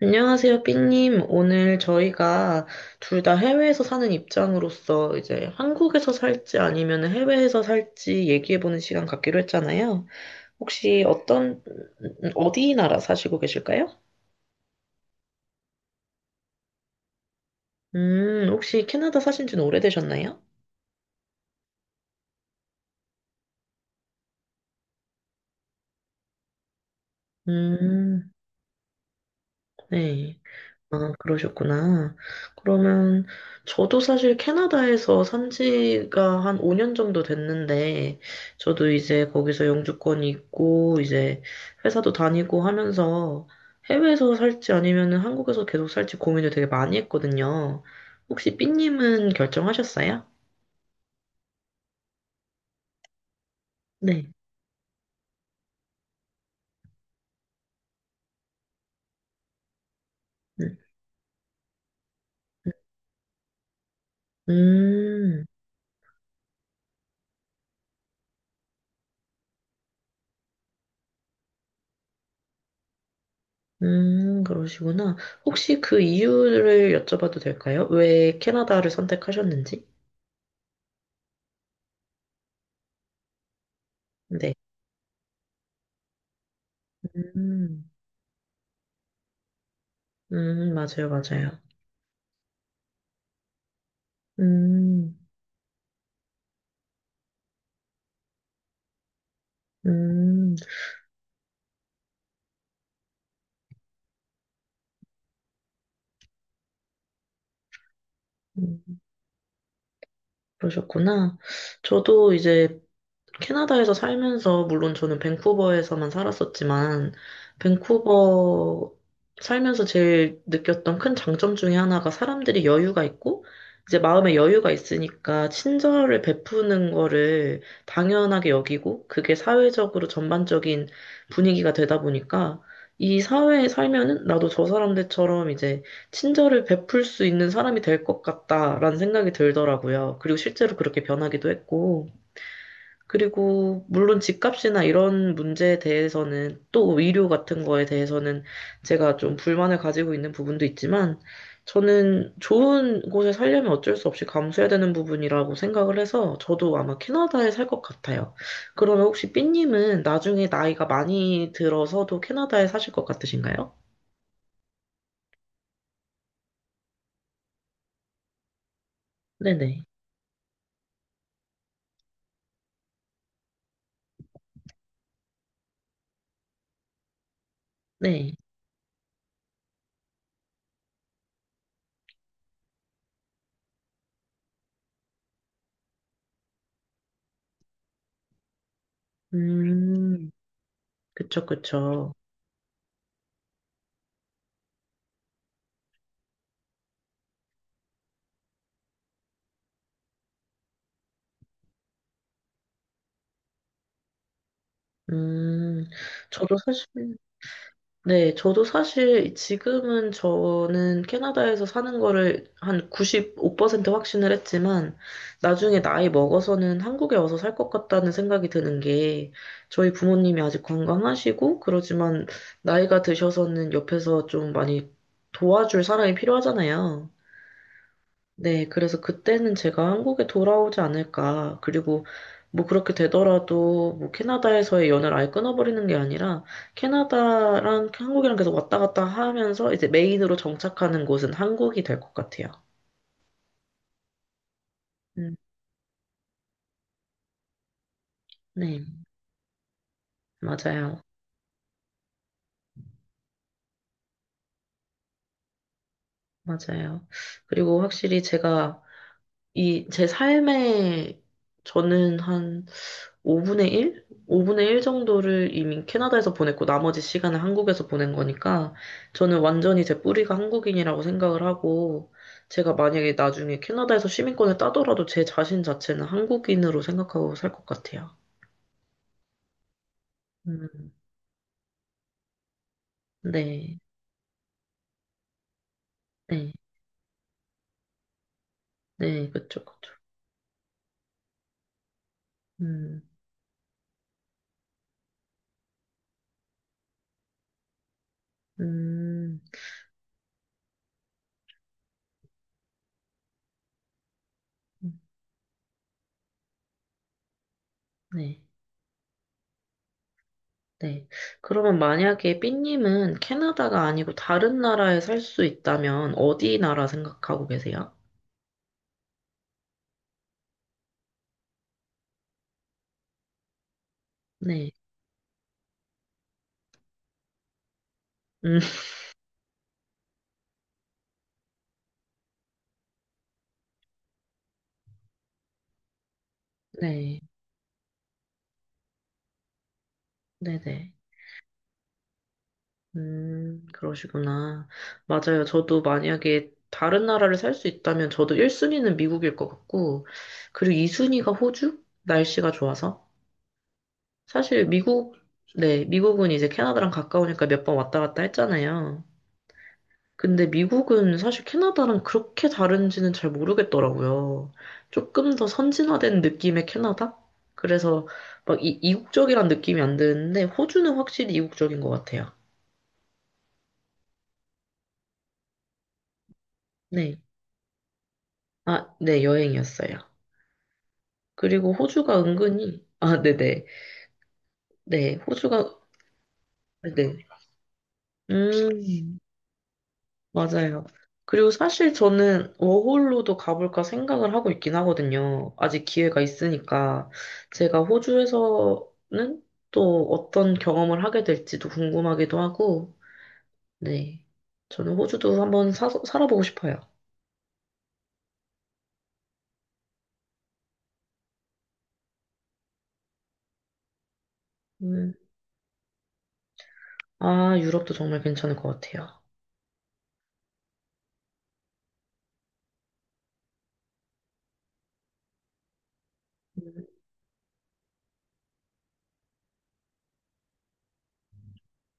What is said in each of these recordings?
안녕하세요, 삐님. 오늘 저희가 둘 다 해외에서 사는 입장으로서 이제 한국에서 살지 아니면 해외에서 살지 얘기해보는 시간 갖기로 했잖아요. 혹시 어떤, 어디 나라 사시고 계실까요? 혹시 캐나다 사신 지는 오래되셨나요? 음, 네. 아, 그러셨구나. 그러면 저도 사실 캐나다에서 산 지가 한 5년 정도 됐는데, 저도 이제 거기서 영주권이 있고, 이제 회사도 다니고 하면서 해외에서 살지 아니면 한국에서 계속 살지 고민을 되게 많이 했거든요. 혹시 삐님은 결정하셨어요? 네. 음, 음, 그러시구나. 혹시 그 이유를 여쭤봐도 될까요? 왜 캐나다를 선택하셨는지? 네. 음. 맞아요, 맞아요. 음, 음, 음, 그러셨구나. 저도 이제 캐나다에서 살면서, 물론 저는 밴쿠버에서만 살았었지만, 밴쿠버 살면서 제일 느꼈던 큰 장점 중에 하나가 사람들이 여유가 있고, 이제 마음에 여유가 있으니까 친절을 베푸는 거를 당연하게 여기고, 그게 사회적으로 전반적인 분위기가 되다 보니까, 이 사회에 살면은 나도 저 사람들처럼 이제 친절을 베풀 수 있는 사람이 될 것 같다라는 생각이 들더라고요. 그리고 실제로 그렇게 변하기도 했고, 그리고 물론 집값이나 이런 문제에 대해서는 또 의료 같은 거에 대해서는 제가 좀 불만을 가지고 있는 부분도 있지만 저는 좋은 곳에 살려면 어쩔 수 없이 감수해야 되는 부분이라고 생각을 해서 저도 아마 캐나다에 살 것 같아요. 그러면 혹시 삐님은 나중에 나이가 많이 들어서도 캐나다에 사실 것 같으신가요? 네네. 네. 음, 그쵸, 그쵸. 음, 저도 사실, 네, 저도 사실 지금은 저는 캐나다에서 사는 거를 한 95% 확신을 했지만 나중에 나이 먹어서는 한국에 와서 살 것 같다는 생각이 드는 게 저희 부모님이 아직 건강하시고 그러지만 나이가 드셔서는 옆에서 좀 많이 도와줄 사람이 필요하잖아요. 네, 그래서 그때는 제가 한국에 돌아오지 않을까. 그리고 뭐 그렇게 되더라도 뭐 캐나다에서의 연애를 아예 끊어버리는 게 아니라 캐나다랑 한국이랑 계속 왔다 갔다 하면서 이제 메인으로 정착하는 곳은 한국이 될 것 같아요. 음, 네, 맞아요. 맞아요. 그리고 확실히 제가 이 제 삶에 저는 한 5분의 1? 5분의 1 정도를 이미 캐나다에서 보냈고 나머지 시간을 한국에서 보낸 거니까 저는 완전히 제 뿌리가 한국인이라고 생각을 하고 제가 만약에 나중에 캐나다에서 시민권을 따더라도 제 자신 자체는 한국인으로 생각하고 살 것 같아요. 음, 네, 네, 네, 그쵸, 그쵸. 음, 음, 네, 네. 그러면 만약에 삐님은 캐나다가 아니고 다른 나라에 살 수 있다면 어디 나라 생각하고 계세요? 네. 음... 네, 네네. 그러시구나. 맞아요. 저도 만약에 다른 나라를 살 수 있다면 저도 1순위는 미국일 것 같고, 그리고 2순위가 호주? 날씨가 좋아서. 사실 미국, 네, 미국은 이제 캐나다랑 가까우니까 몇 번 왔다 갔다 했잖아요. 근데 미국은 사실 캐나다랑 그렇게 다른지는 잘 모르겠더라고요. 조금 더 선진화된 느낌의 캐나다? 그래서 막 이국적이란 느낌이 안 드는데, 호주는 확실히 이국적인 것 같아요. 네. 아, 네, 여행이었어요. 그리고 호주가 은근히, 아, 네네. 네, 호주가, 네. 음, 맞아요. 그리고 사실 저는 워홀로도 가볼까 생각을 하고 있긴 하거든요. 아직 기회가 있으니까. 제가 호주에서는 또 어떤 경험을 하게 될지도 궁금하기도 하고, 네. 저는 호주도 한번 살아보고 싶어요. 음, 아, 유럽도 정말 괜찮을 것 같아요. 음,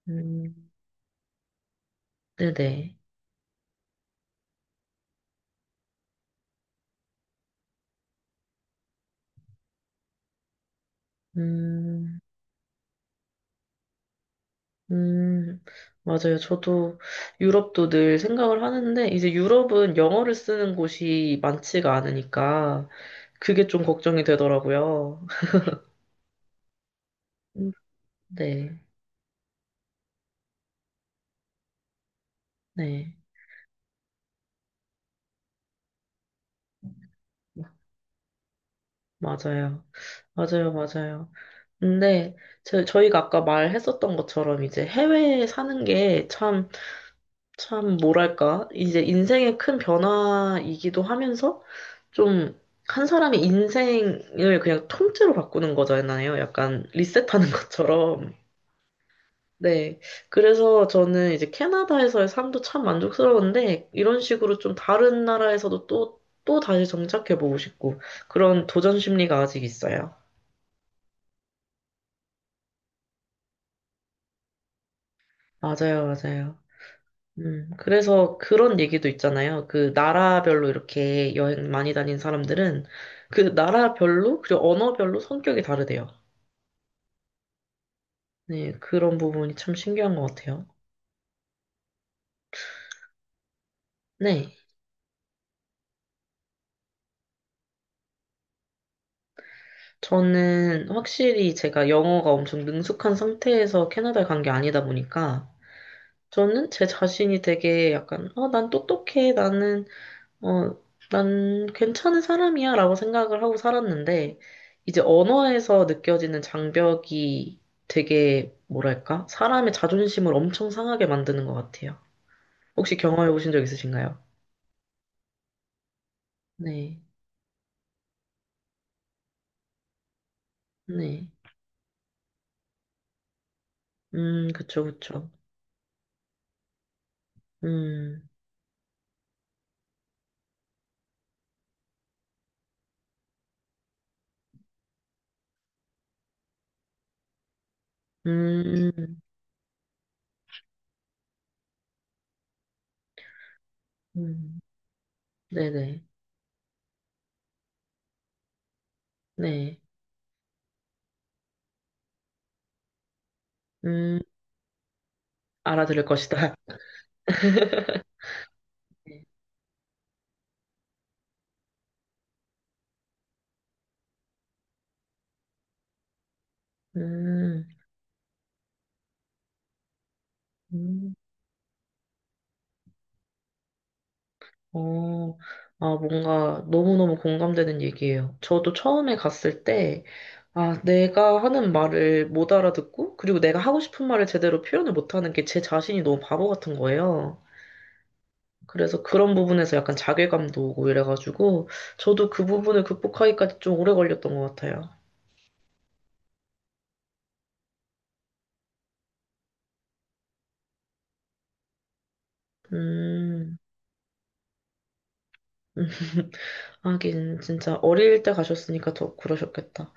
음, 네네. 음. 음, 맞아요. 저도 유럽도 늘 생각을 하는데, 이제 유럽은 영어를 쓰는 곳이 많지가 않으니까, 그게 좀 걱정이 되더라고요. 음, 네, 네. 맞아요. 맞아요, 맞아요. 근데 저희가 아까 말했었던 것처럼 이제 해외에 사는 게참 참, 뭐랄까. 이제 인생의 큰 변화이기도 하면서 좀 한 사람의 인생을 그냥 통째로 바꾸는 거잖아요. 약간 리셋하는 것처럼. 네. 그래서 저는 이제 캐나다에서의 삶도 참 만족스러운데 이런 식으로 좀 다른 나라에서도 또 다시 정착해보고 싶고 그런 도전 심리가 아직 있어요. 맞아요, 맞아요. 그래서 그런 얘기도 있잖아요. 그 나라별로 이렇게 여행 많이 다닌 사람들은 그 나라별로, 그리고 언어별로 성격이 다르대요. 네, 그런 부분이 참 신기한 것 같아요. 네. 저는 확실히 제가 영어가 엄청 능숙한 상태에서 캐나다에 간 게 아니다 보니까 저는 제 자신이 되게 약간, 난 똑똑해. 나는 어, 난 괜찮은 사람이야 라고 생각을 하고 살았는데, 이제 언어에서 느껴지는 장벽이 되게, 뭐랄까, 사람의 자존심을 엄청 상하게 만드는 것 같아요. 혹시 경험해 보신 적 있으신가요? 네, 네. 그쵸, 그쵸. 음, 음, 음, 네네, 네. 음, 알아들을 것이다. 네. 음, 음, 어, 아, 뭔가 너무너무 공감되는 얘기예요. 저도 처음에 갔을 때, 아, 내가 하는 말을 못 알아듣고, 그리고 내가 하고 싶은 말을 제대로 표현을 못하는 게 제 자신이 너무 바보 같은 거예요. 그래서 그런 부분에서 약간 자괴감도 오고 이래가지고, 저도 그 부분을 극복하기까지 좀 오래 걸렸던 것 같아요. 음, 하긴, 진짜 어릴 때 가셨으니까 더 그러셨겠다.